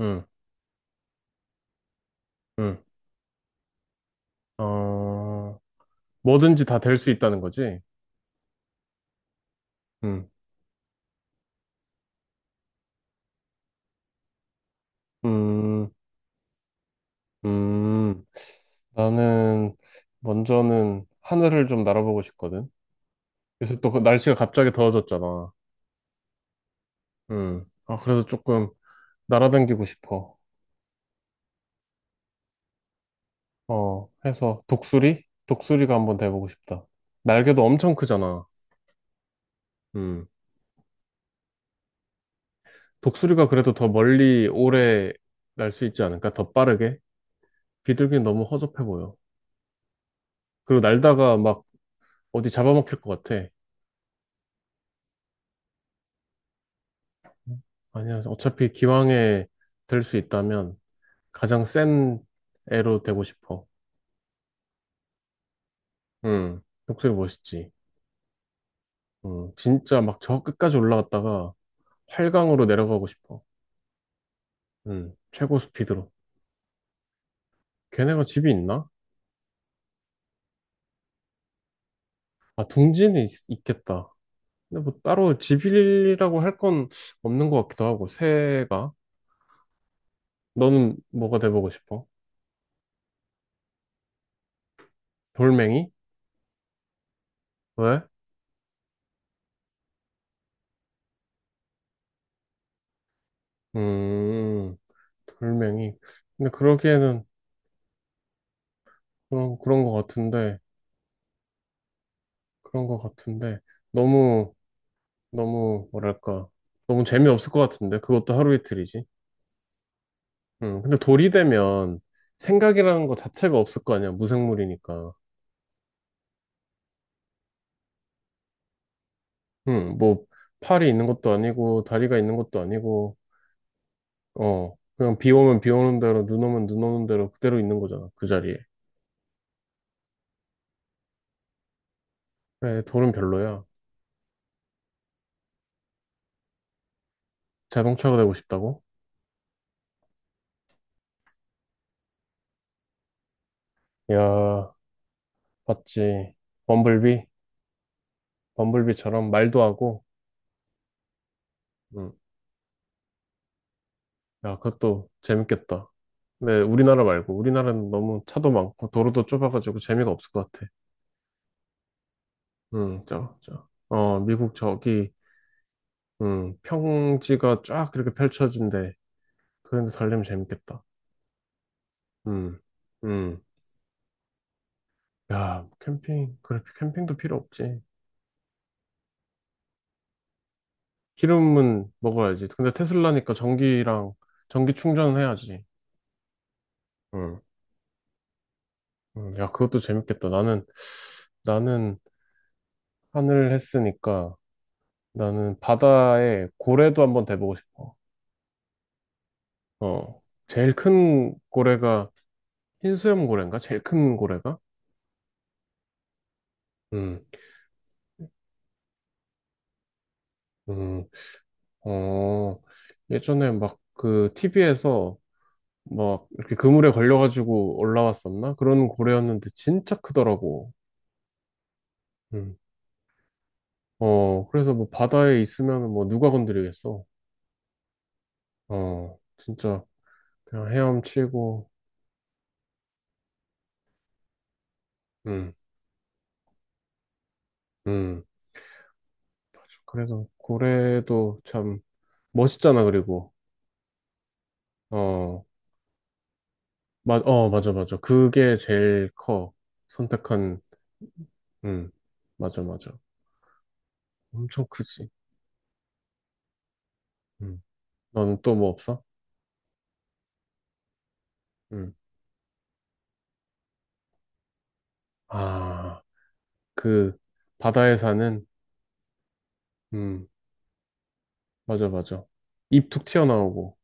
음, 음, 어, 뭐든지 다 될 수 있다는 거지. 음, 음, 음. 나는 먼저는 하늘을 좀 날아보고 싶거든. 요새 또그 날씨가 갑자기 더워졌잖아. 아, 그래서 조금 날아다니고 싶어. 어, 해서 독수리? 독수리가 한번 돼보고 싶다. 날개도 엄청 크잖아. 음, 독수리가 그래도 더 멀리 오래 날 수 있지 않을까? 더 빠르게? 비둘기는 너무 허접해 보여. 그리고 날다가 막 어디 잡아먹힐 것 같아. 아니야, 어차피 기왕에 될 수 있다면 가장 센 애로 되고 싶어. 응, 독수리 멋있지. 응, 진짜 막 저 끝까지 올라갔다가 활강으로 내려가고 싶어. 응, 최고 스피드로. 걔네가 집이 있나? 아, 둥지는 있, 겠다. 근데 뭐 따로 집이라고 할 건 없는 것 같기도 하고, 새가. 너는 뭐가 돼보고 싶어? 돌멩이? 왜? 음, 돌멩이. 근데 그러기에는 그런 것 같은데, 그런 것 같은데, 너무, 너무, 뭐랄까, 너무 재미없을 것 같은데, 그것도 하루 이틀이지. 근데 돌이 되면 생각이라는 것 자체가 없을 거 아니야, 무생물이니까. 뭐, 팔이 있는 것도 아니고, 다리가 있는 것도 아니고, 어, 그냥 비 오면 비 오는 대로, 눈 오면 눈 오는 대로 그대로 있는 거잖아, 그 자리에. 그래, 돌은 별로야. 자동차가 되고 싶다고? 야, 봤지. 범블비? 범블비처럼 말도 하고, 음, 야, 그것도 재밌겠다. 네, 우리나라 말고. 우리나라는 너무 차도 많고, 도로도 좁아가지고 재미가 없을 것 같아. 저, 저. 어, 미국 저기, 평지가 쫙 이렇게 펼쳐진대. 그런데 달리면 재밌겠다. 음, 음. 야, 캠핑, 그래, 캠핑도 필요 없지. 기름은 먹어야지. 근데 테슬라니까 전기랑, 전기 충전은 해야지. 음, 야, 그것도 재밌겠다. 나는 하늘 했으니까, 나는 바다에 고래도 한번 대보고 싶어. 어, 제일 큰 고래가 흰수염 고래인가? 제일 큰 고래가? 음, 음, 어, 예전에 막 그 TV에서 막 이렇게 그물에 걸려가지고 올라왔었나? 그런 고래였는데 진짜 크더라고. 음, 어, 그래서 뭐 바다에 있으면 뭐 누가 건드리겠어? 어, 진짜 그냥 헤엄치고, 음, 음, 맞아. 그래서 고래도 참 멋있잖아, 그리고. 어, 마, 어, 맞아, 맞아. 그게 제일 커. 선택한, 음, 맞아, 맞아. 엄청 크지. 음. 너는 또 뭐 없어? 음. 아, 그, 바다에 사는, 음, 맞아, 맞아. 입 툭 튀어나오고,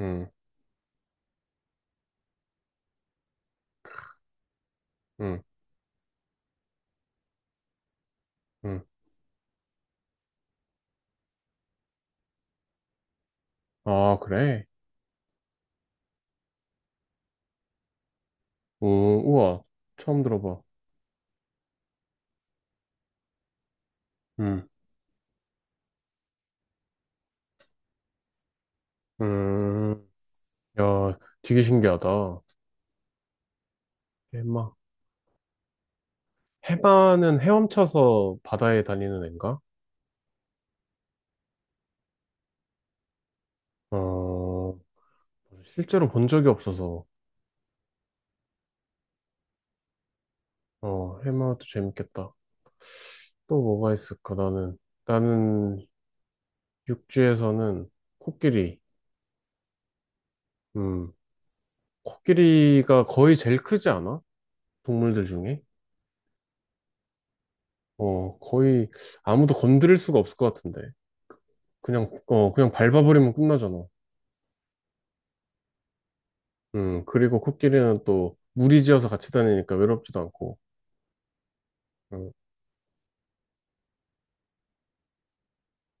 음, 음, 음. 아, 그래? 오, 우와. 처음 들어봐. 음, 음. 야, 되게 신기하다. 해마. 해마는 헤엄쳐서 바다에 다니는 애인가? 어, 실제로 본 적이 없어서. 어, 해마도 재밌겠다. 또 뭐가 있을까, 나는. 나는 육지에서는 코끼리. 음, 코끼리가 거의 제일 크지 않아? 동물들 중에? 어, 거의 아무도 건드릴 수가 없을 것 같은데. 그냥 밟아버리면 끝나잖아. 그리고 코끼리는 또 무리지어서 같이 다니니까 외롭지도 않고. 음,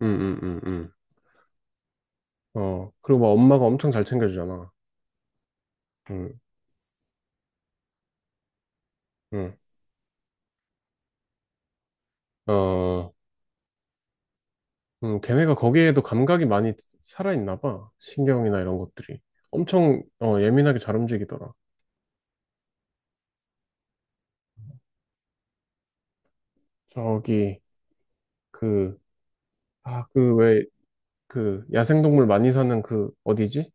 음, 음. 어, 그리고 막 엄마가 엄청 잘 챙겨주잖아. 음, 음. 어, 걔네가 거기에도 감각이 많이 살아있나 봐. 신경이나 이런 것들이. 엄청, 어, 예민하게 잘 움직이더라. 저기, 그, 아, 그 왜, 그, 야생동물 많이 사는 그, 어디지?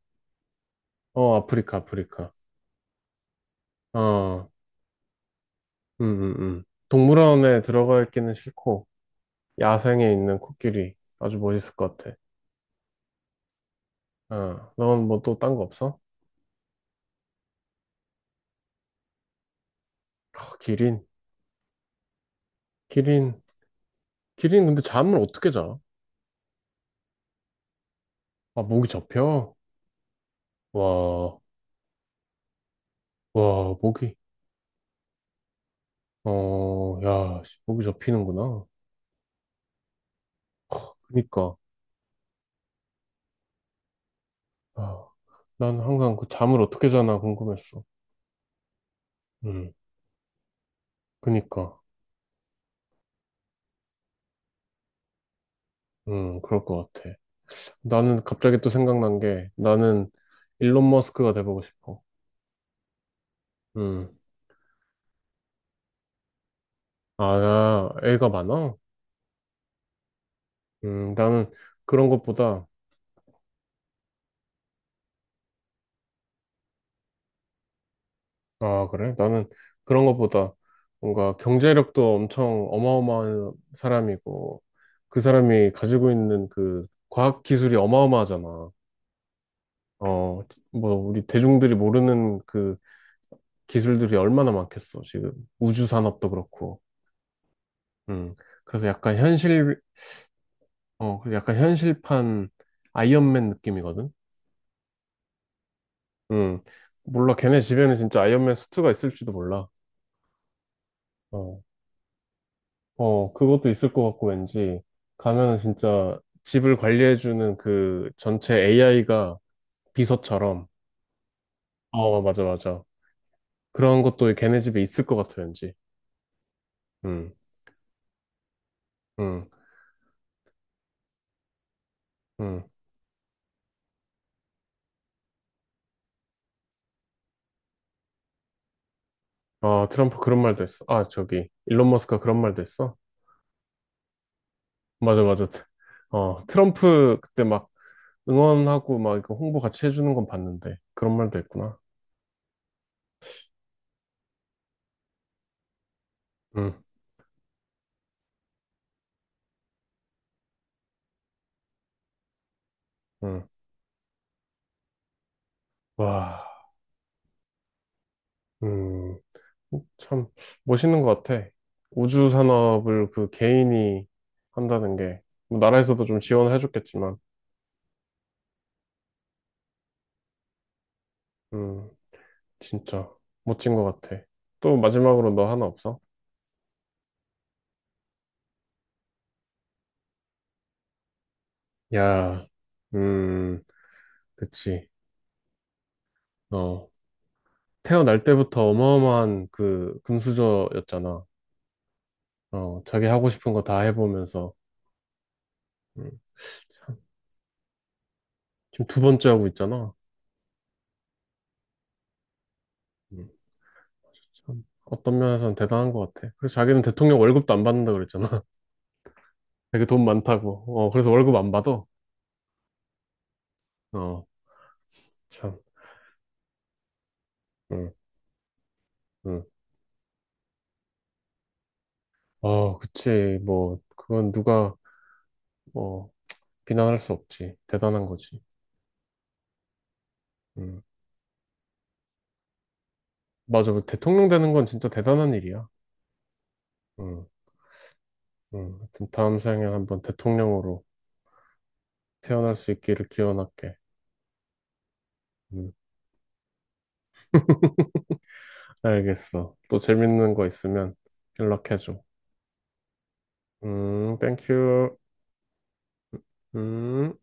어, 아프리카, 아프리카. 어, 음, 음, 음. 동물원에 들어가 있기는 싫고, 야생에 있는 코끼리. 아주 멋있을 것 같아. 어, 넌 뭐 또 딴 거 없어? 아, 기린. 기린. 기린 근데 잠을 어떻게 자? 아, 목이 접혀. 와, 와, 목이. 어, 야, 씨, 목이 접히는구나. 그니까, 아, 난 항상 그 잠을 어떻게 자나 궁금했어. 음, 그니까, 그럴 것 같아. 나는 갑자기 또 생각난 게, 나는 일론 머스크가 돼보고 싶어. 음, 아, 나 애가 많아? 나는 그런 것보다, 아, 그래? 나는 그런 것보다 뭔가 경제력도 엄청 어마어마한 사람이고, 그 사람이 가지고 있는 그 과학 기술이 어마어마하잖아. 어, 뭐, 우리 대중들이 모르는 그 기술들이 얼마나 많겠어, 지금. 우주 산업도 그렇고. 음. 그래서 약간 현실, 어, 그래서 약간 현실판 아이언맨 느낌이거든? 음. 몰라, 걔네 집에는 진짜 아이언맨 수트가 있을지도 몰라. 어, 어, 그것도 있을 것 같고, 왠지. 가면은 진짜 집을 관리해주는 그 전체 AI가 비서처럼. 어, 맞아, 맞아. 그런 것도 걔네 집에 있을 것 같아, 왠지. 음, 음, 음. 아, 트럼프 그런 말도 했어. 아, 저기, 일론 머스크가 그런 말도 했어. 맞아, 맞아. 트럼프 그때 막 응원하고 막 이거 홍보 같이 해주는 건 봤는데, 그런 말도 했구나. 응, 응. 와, 음, 참 멋있는 것 같아. 우주 산업을 그 개인이 한다는 게, 뭐 나라에서도 좀 지원을 해줬겠지만, 음, 진짜 멋진 것 같아. 또 마지막으로 너 하나 없어? 야, 음, 그치. 어. 태어날 때부터 어마어마한 그 금수저였잖아. 어, 자기 하고 싶은 거 다 해보면서. 음, 참, 지금 두 번째 하고 있잖아. 음, 참, 어떤 면에서는 대단한 것 같아. 그래서 자기는 대통령 월급도 안 받는다 그랬잖아. 되게 돈 많다고. 어, 그래서 월급 안 받아. 어, 참. 응, 응. 어, 그치. 뭐, 그건 누가, 뭐, 비난할 수 없지. 대단한 거지. 응. 맞아. 뭐 대통령 되는 건 진짜 대단한 일이야. 응, 응. 하여튼 다음 생에 한번 대통령으로. 태어날 수 있기를 기원할게. 음, 알겠어. 또 재밌는 거 있으면 연락해줘. 땡큐. 음.